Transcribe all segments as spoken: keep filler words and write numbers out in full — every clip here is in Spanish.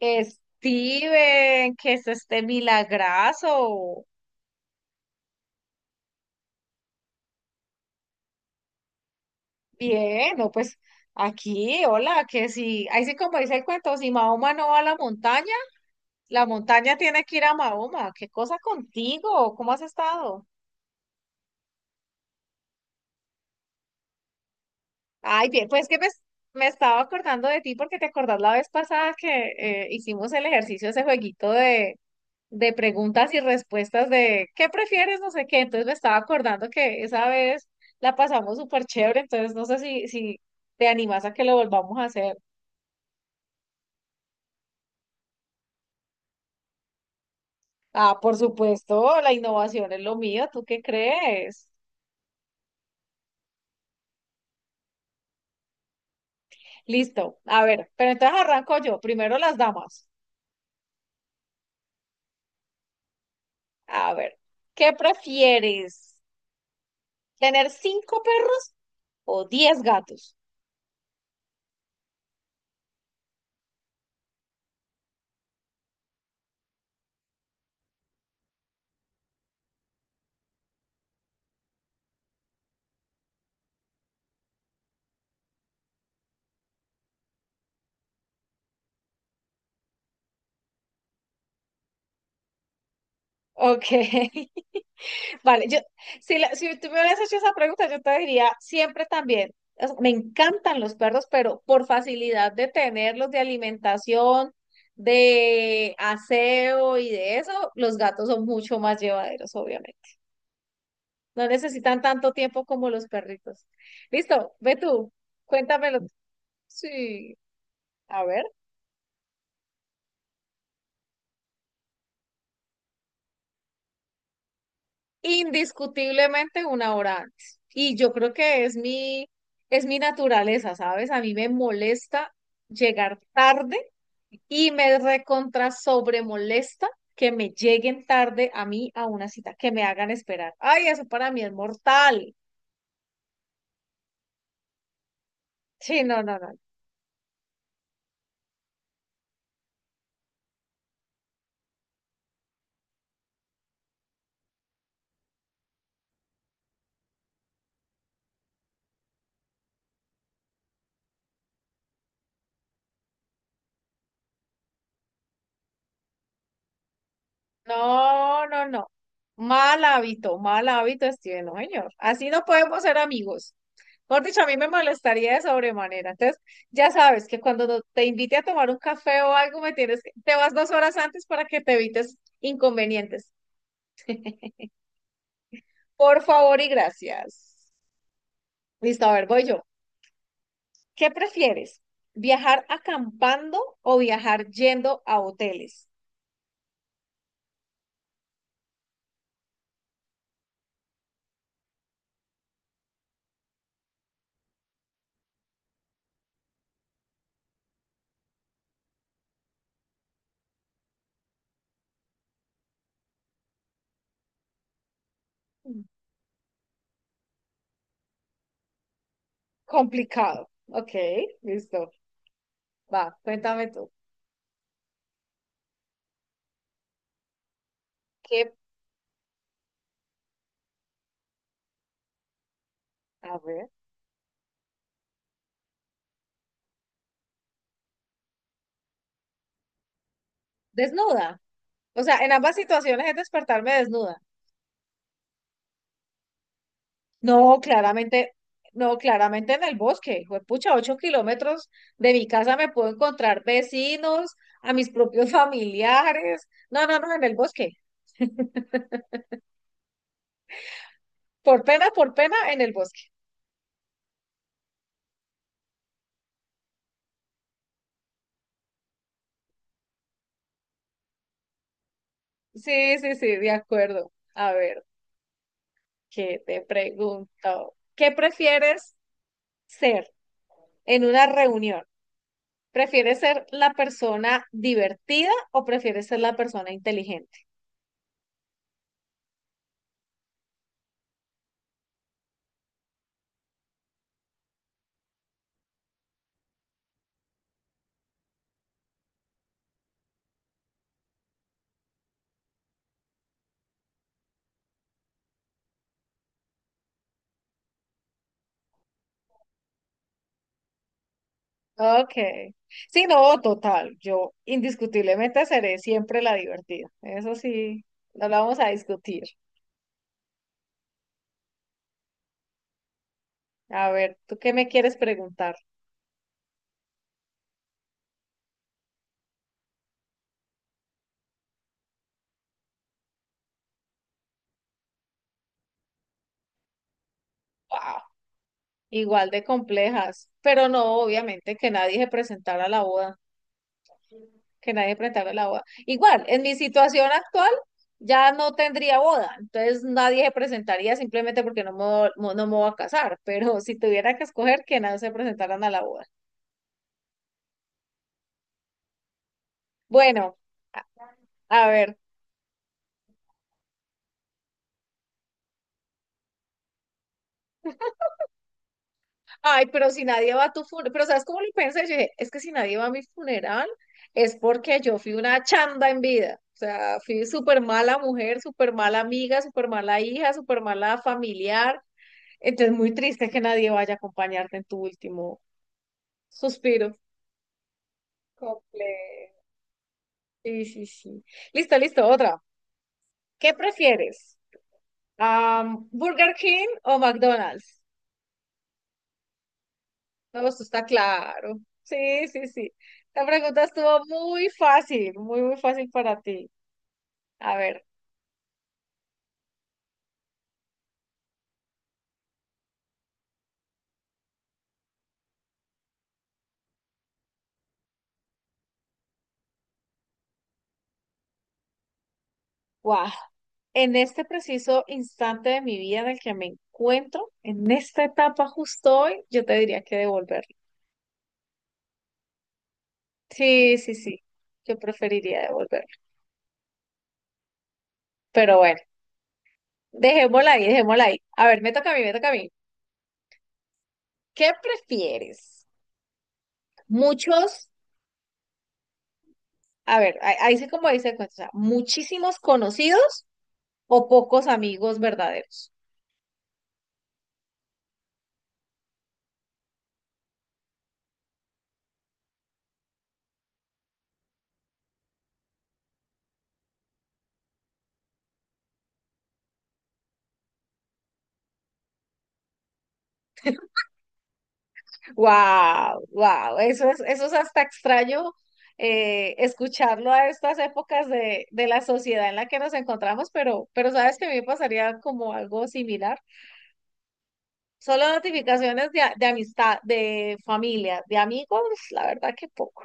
Steven, ¿que es este milagrazo? Bien, no, pues aquí, hola, que si, ahí sí como dice el cuento, si Mahoma no va a la montaña, la montaña tiene que ir a Mahoma. ¿Qué cosa contigo? ¿Cómo has estado? Ay, bien, pues que me, me estaba acordando de ti porque te acordás la vez pasada que eh, hicimos el ejercicio, ese jueguito de de preguntas y respuestas de ¿qué prefieres? No sé qué. Entonces me estaba acordando que esa vez la pasamos súper chévere, entonces no sé si, si te animas a que lo volvamos a hacer. Ah, por supuesto, la innovación es lo mío, ¿tú qué crees? Listo, a ver, pero entonces arranco yo, primero las damas. A ver, ¿qué prefieres? ¿Tener cinco perros o diez gatos? Ok. Vale, yo, si, la- si tú me hubieras hecho esa pregunta, yo te diría siempre también. O sea, me encantan los perros, pero por facilidad de tenerlos, de alimentación, de aseo y de eso, los gatos son mucho más llevaderos, obviamente. No necesitan tanto tiempo como los perritos. Listo, ve tú, cuéntamelo. Sí, a ver. Indiscutiblemente una hora antes. Y yo creo que es mi, es mi naturaleza, ¿sabes? A mí me molesta llegar tarde y me recontra sobre molesta que me lleguen tarde a mí a una cita, que me hagan esperar. Ay, eso para mí es mortal. Sí, no, no, no. No, no, no. Mal hábito, mal hábito, Steven, no, señor. Así no podemos ser amigos. Por dicho, a mí me molestaría de sobremanera. Entonces, ya sabes que cuando no- te invite a tomar un café o algo, me tienes que, te vas dos horas antes para que te evites inconvenientes. Por favor y gracias. Listo, a ver, voy yo. ¿Qué prefieres? ¿Viajar acampando o viajar yendo a hoteles? Complicado. Ok, listo. Va, cuéntame tú. ¿Qué? A ver. Desnuda. O sea, en ambas situaciones es despertarme desnuda. No, claramente, no, claramente en el bosque. Pucha, ocho kilómetros de mi casa me puedo encontrar vecinos, a mis propios familiares. No, no, no, en el bosque. Por pena, por pena, en el bosque. Sí, sí, sí, de acuerdo. A ver, ¿qué te pregunto? ¿Qué prefieres ser en una reunión? ¿Prefieres ser la persona divertida o prefieres ser la persona inteligente? Okay. Sí, no, total. Yo indiscutiblemente seré siempre la divertida. Eso sí, no la vamos a discutir. A ver, ¿tú qué me quieres preguntar? Wow, igual de complejas. Pero no, obviamente, que nadie se presentara a la boda. Que nadie presentara a la boda. Igual, en mi situación actual ya no tendría boda. Entonces nadie se presentaría simplemente porque no me, vo- mo- no me voy a casar. Pero si tuviera que escoger, que nadie se presentaran a la boda. Bueno, a a ver. Ay, pero si nadie va a tu funeral, pero ¿sabes cómo lo pensé? Yo dije, es que si nadie va a mi funeral es porque yo fui una chanda en vida. O sea, fui súper mala mujer, súper mala amiga, súper mala hija, súper mala familiar. Entonces, muy triste que nadie vaya a acompañarte en tu último suspiro. Completo. Sí, sí, sí. Listo, listo, otra. ¿Qué prefieres? Am, ¿Burger King o McDonald's? No, esto está claro. Sí, sí, sí. La pregunta estuvo muy fácil, muy, muy fácil para ti. A ver, guau. En este preciso instante de mi vida en el que me encuentro, en esta etapa justo hoy, yo te diría que devolverlo. Sí, sí, sí. Yo preferiría devolverlo. Pero bueno, dejémosla ahí, dejémosla ahí. A ver, me toca a mí, me toca a mí. ¿Qué prefieres? Muchos, a ver, ahí ahí sí como dice el cuento, o sea, muchísimos conocidos o pocos amigos verdaderos. Wow, wow, eso es, eso es hasta extraño eh, escucharlo a estas épocas de, de la sociedad en la que nos encontramos, pero, pero sabes que a mí me pasaría como algo similar. Solo notificaciones de, a- de amistad, de familia, de amigos, la verdad que poco.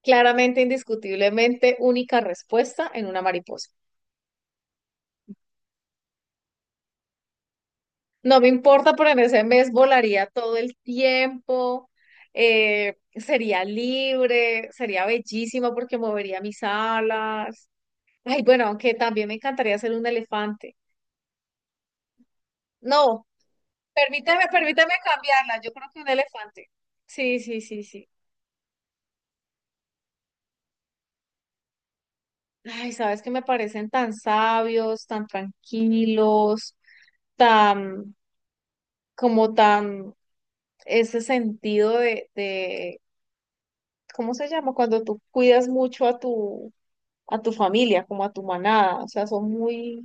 Claramente, indiscutiblemente, única respuesta en una mariposa. No me importa, pero en ese mes volaría todo el tiempo, eh, sería libre, sería bellísimo porque movería mis alas. Ay, bueno, aunque también me encantaría ser un elefante. No, permíteme, permíteme cambiarla. Yo creo que un elefante. Sí, sí, sí, sí. Ay, sabes que me parecen tan sabios, tan tranquilos, tan, como tan, ese sentido de, de, ¿cómo se llama? Cuando tú cuidas mucho a tu a tu familia, como a tu manada, o sea, son muy,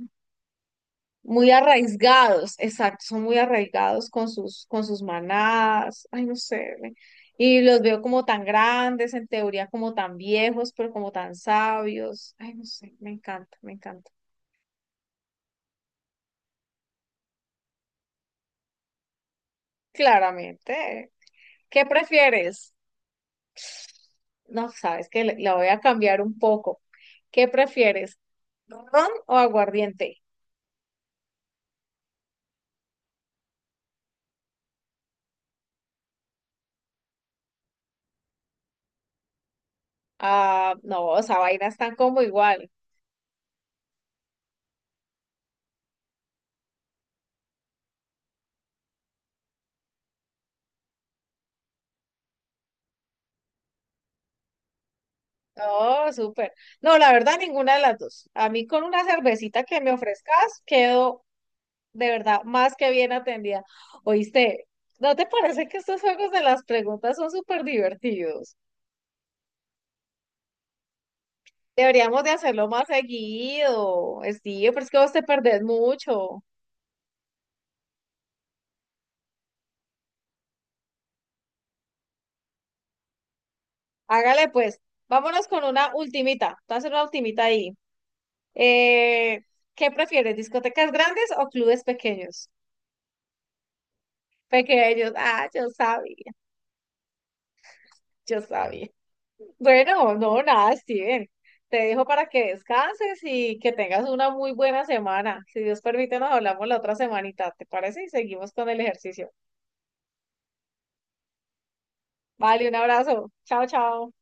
muy arraigados, exacto, son muy arraigados con sus, con sus manadas, ay, no sé, me- y los veo como tan grandes, en teoría como tan viejos, pero como tan sabios, ay, no sé, me encanta, me encanta. Claramente, ¿qué prefieres? No, sabes que le- la voy a cambiar un poco. ¿Qué prefieres, ron o aguardiente? Ah, no, esa vaina están como igual. Oh, súper. No, la verdad, ninguna de las dos. A mí con una cervecita que me ofrezcas, quedo de verdad más que bien atendida. Oíste, ¿no te parece que estos juegos de las preguntas son súper divertidos? Deberíamos de hacerlo más seguido, Steve, pero es que vos te perdés mucho. Hágale pues, vámonos con una ultimita. Te voy a hacer una ultimita ahí. Eh, ¿qué prefieres, discotecas grandes o clubes pequeños? Pequeños, ah, yo sabía, yo sabía. Bueno, no, nada, Steven. Te dejo para que descanses y que tengas una muy buena semana. Si Dios permite, nos hablamos la otra semanita, ¿te parece? Y seguimos con el ejercicio. Vale, un abrazo. Chao, chao.